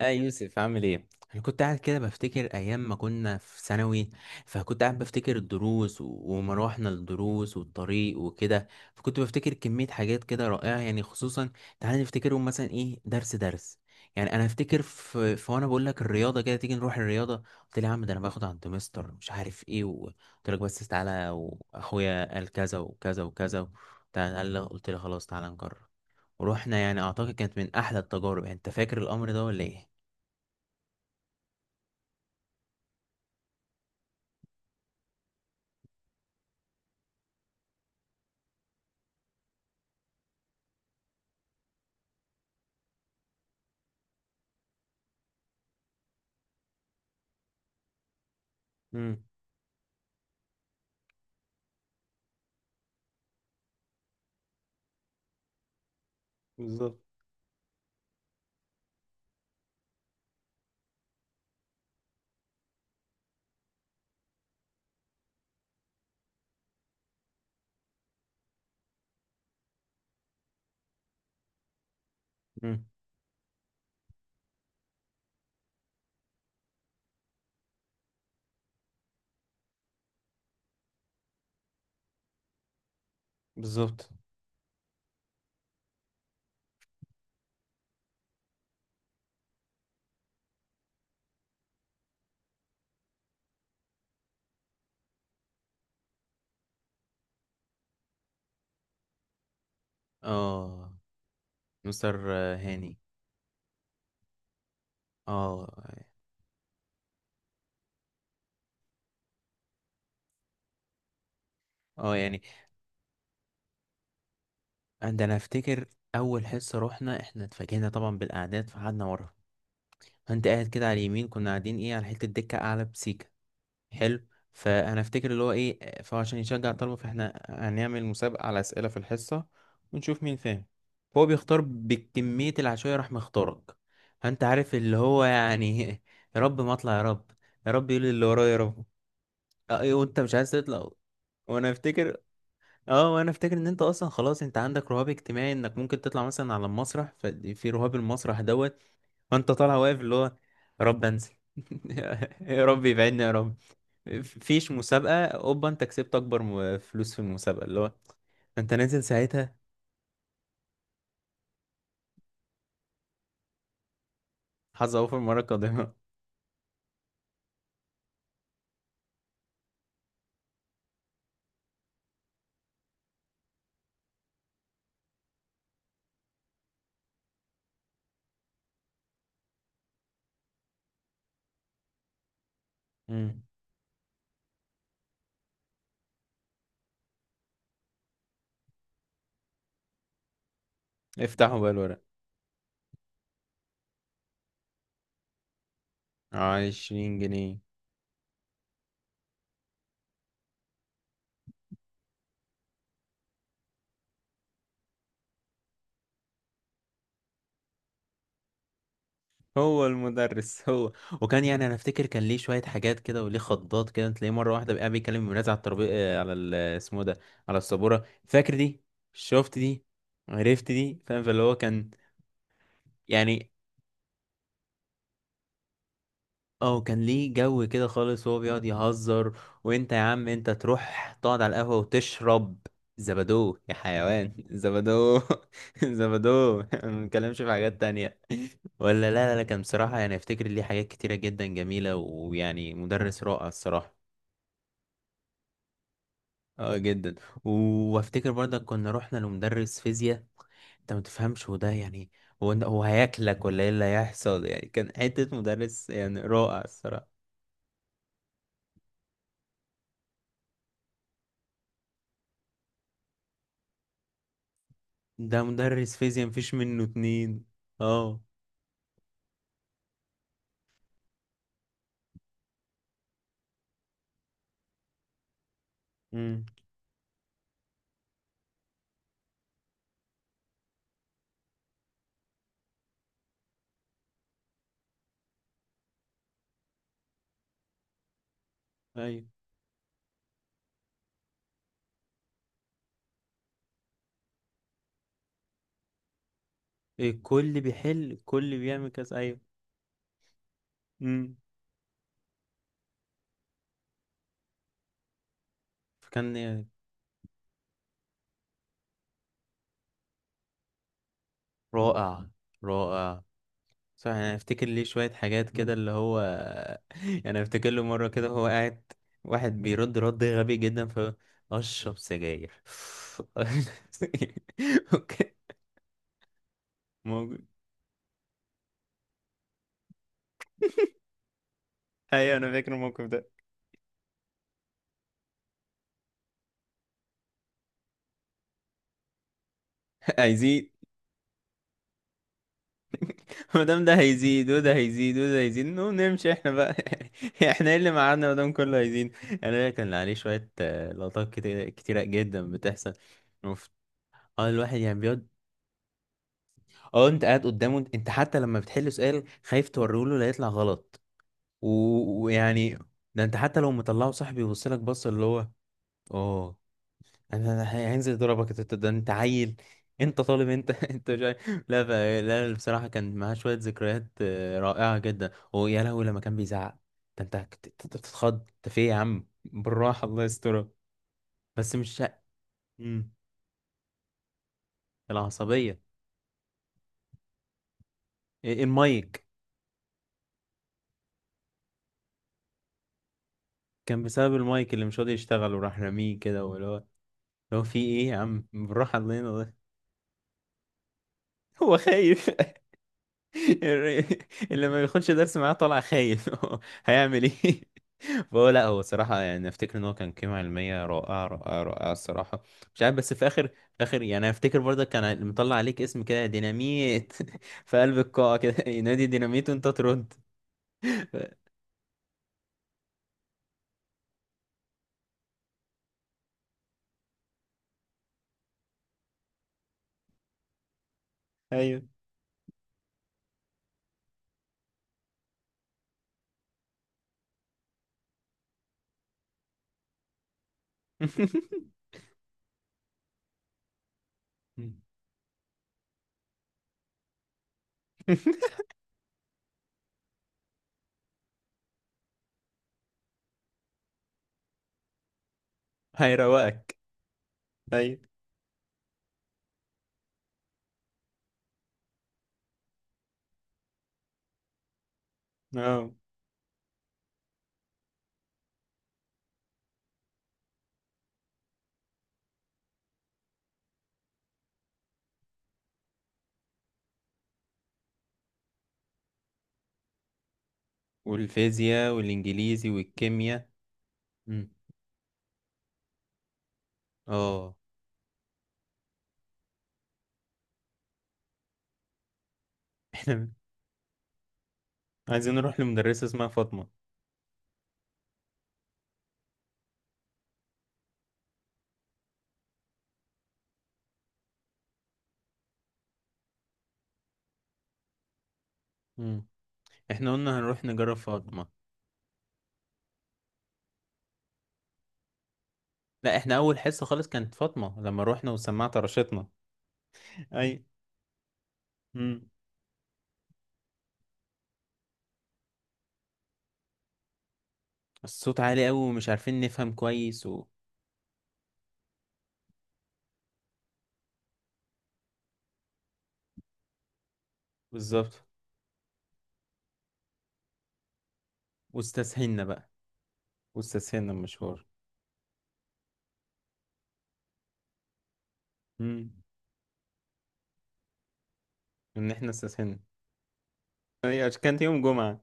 اه يوسف عامل ايه؟ انا كنت قاعد كده بفتكر ايام ما كنا في ثانوي. فكنت قاعد بفتكر الدروس وما روحنا الدروس والطريق وكده. فكنت بفتكر كمية حاجات كده رائعة، يعني خصوصا تعالى نفتكرهم. مثلا ايه؟ درس يعني. انا افتكر في وانا بقول لك الرياضة، كده تيجي نروح الرياضة. قلت لي يا عم ده انا باخد على الدمستر مش عارف ايه قلت لك بس تعالى، واخويا قال كذا وكذا وكذا. تعالى قلت لي خلاص تعالى نجرب. ورحنا، يعني اعتقد كانت من احلى التجارب. يعني انت فاكر الامر ده ولا ايه؟ امم بالظبط. امم بالظبط. اه مستر هاني. اه. اه يعني ده انا افتكر اول حصه رحنا، احنا اتفاجئنا طبعا بالاعداد فقعدنا ورا. فانت قاعد كده على اليمين، كنا قاعدين ايه على حته دكه اعلى بسيكه. حلو. فانا افتكر اللي هو ايه، فعشان يشجع الطلبه فاحنا هنعمل مسابقه على اسئله في الحصه ونشوف مين فاهم. فهو بيختار بكميه العشوائيه، راح مختارك. فانت عارف اللي هو يعني يا رب ما اطلع يا رب، يا رب يقول اللي ورايا يا رب. اه إيه، وانت مش عايز تطلع. وانا افتكر، اه وانا افتكر ان انت اصلا خلاص انت عندك رهاب اجتماعي، انك ممكن تطلع مثلا على المسرح ففي رهاب المسرح دوت. فانت طالع واقف اللي هو يا رب انزل يا رب يبعدني يا رب. فيش مسابقة، اوبا انت كسبت اكبر فلوس في المسابقة اللي هو انت نازل ساعتها، حظ اوفر المرة القادمة. مم. افتحوا بقى الورق. عشرين جنيه. هو المدرس هو. وكان يعني انا افتكر كان ليه شويه حاجات كده وليه خضات كده، تلاقيه مره واحده بقى بيكلم الولاد على الترابيزه، على اسمه إيه ده، على السبوره. فاكر دي؟ شفت دي؟ عرفت دي؟ فاهم؟ فاللي هو كان يعني اه كان ليه جو كده خالص، وهو بيقعد يهزر وانت يا عم انت تروح تقعد على القهوة وتشرب زبادو يا حيوان زبادو زبادو ما بنتكلمش في حاجات تانية. ولا لا لا لا، كان بصراحة يعني افتكر ليه حاجات كتيرة جدا جميلة، ويعني مدرس رائع الصراحة. اه جدا. وافتكر برضك كنا رحنا لمدرس فيزياء، انت ما تفهمش وده يعني هو هياكلك ولا ايه اللي هيحصل، يعني كان حتة مدرس يعني رائع الصراحة. ده مدرس فيزياء مفيش منه اتنين. اه. امم ايوه. الكل بيحل الكل بيعمل كذا، ايوه. امم. فكان يعني رائع رائع. صح انا افتكر ليه شوية حاجات كده اللي هو يعني افتكر له مرة كده هو قاعد، واحد بيرد رد غبي جدا، ف اشرب سجاير. موجود. ايوه انا فاكر الموقف ده. عايزين. ما دام ده هيزيد وده هيزيد وده هيزيد، نو نمشي احنا بقى. احنا ايه اللي معانا ما دام كله هيزيد؟ يعني انا كان عليه شويه لقطات كتير كتيره جدا بتحصل. اوف. اه الواحد يعني بيقعد، اه انت قاعد قدامه، انت حتى لما بتحل سؤال خايف توريهوله لا يطلع غلط. ويعني ده انت حتى لو مطلعه صح بيبص لك بص اللي هو اه. أنا هينزل يضربك انت، ده انت عيل انت طالب انت انت مش عارف. لا ف... لا بصراحه كان معاه شويه ذكريات رائعه جدا. ويا لهوي لما كان بيزعق، ده انت كنت بتتخض. انت في إيه يا عم بالراحه؟ الله يسترها. بس مش، امم العصبيه. المايك. كان بسبب المايك اللي مش راضي يشتغل وراح راميه كده، واللي هو اللي هو في ايه يا عم بالراحه؟ الله ينور. هو خايف. اللي ما بياخدش درس معاه طالع خايف هيعمل ايه. فهو لا، هو صراحة يعني أفتكر إن هو كان قيمة علمية رائعة رائعة رائعة الصراحة. مش عارف بس في آخر، آخر يعني أفتكر برضه كان مطلع عليك اسم كده ديناميت في قلب القاعة كده ينادي ديناميت وأنت ترد. ف- أيوه. هيروقك. أيوه. أه والفيزياء والإنجليزي والكيمياء. مم. أه. إحنا عايزين نروح لمدرسة اسمها فاطمة. مم. إحنا قلنا هنروح نجرب فاطمة. لا احنا اول حصه خالص كانت فاطمه، لما روحنا وسمعت رشتنا. اي. امم. الصوت عالي قوي ومش عارفين نفهم كويس و... بالظبط. واستسهلنا بقى، واستسهلنا المشوار. امم. ان احنا استسهلنا، اي عشان كانت يوم جمعة.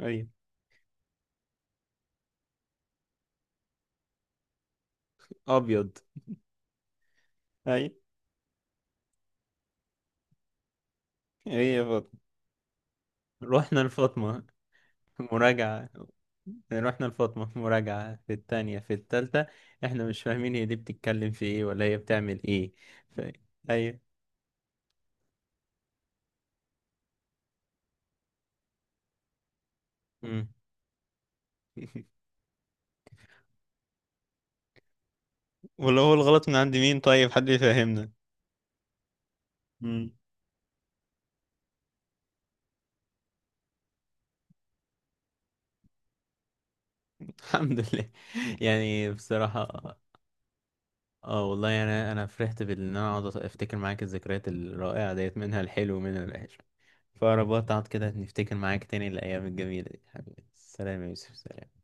اي. ابيض. اي. ايه يا فاطمة؟ رحنا لفاطمة. مراجعة. رحنا لفاطمة مراجعة في التانية في التالتة، احنا مش فاهمين هي دي بتتكلم في ايه ولا هي بتعمل ايه. ف... اي. امم. ولا هو الغلط من عند مين؟ طيب حد يفهمنا. الحمد لله يعني بصراحة. اه والله يعني انا فرحت بان انا اقعد افتكر معاك الذكريات الرائعة ديت، منها الحلو ومنها الوحش. فأنا بقعد كده نفتكر معاك تاني الأيام الجميلة دي. حبيبي سلام يا يوسف، سلام.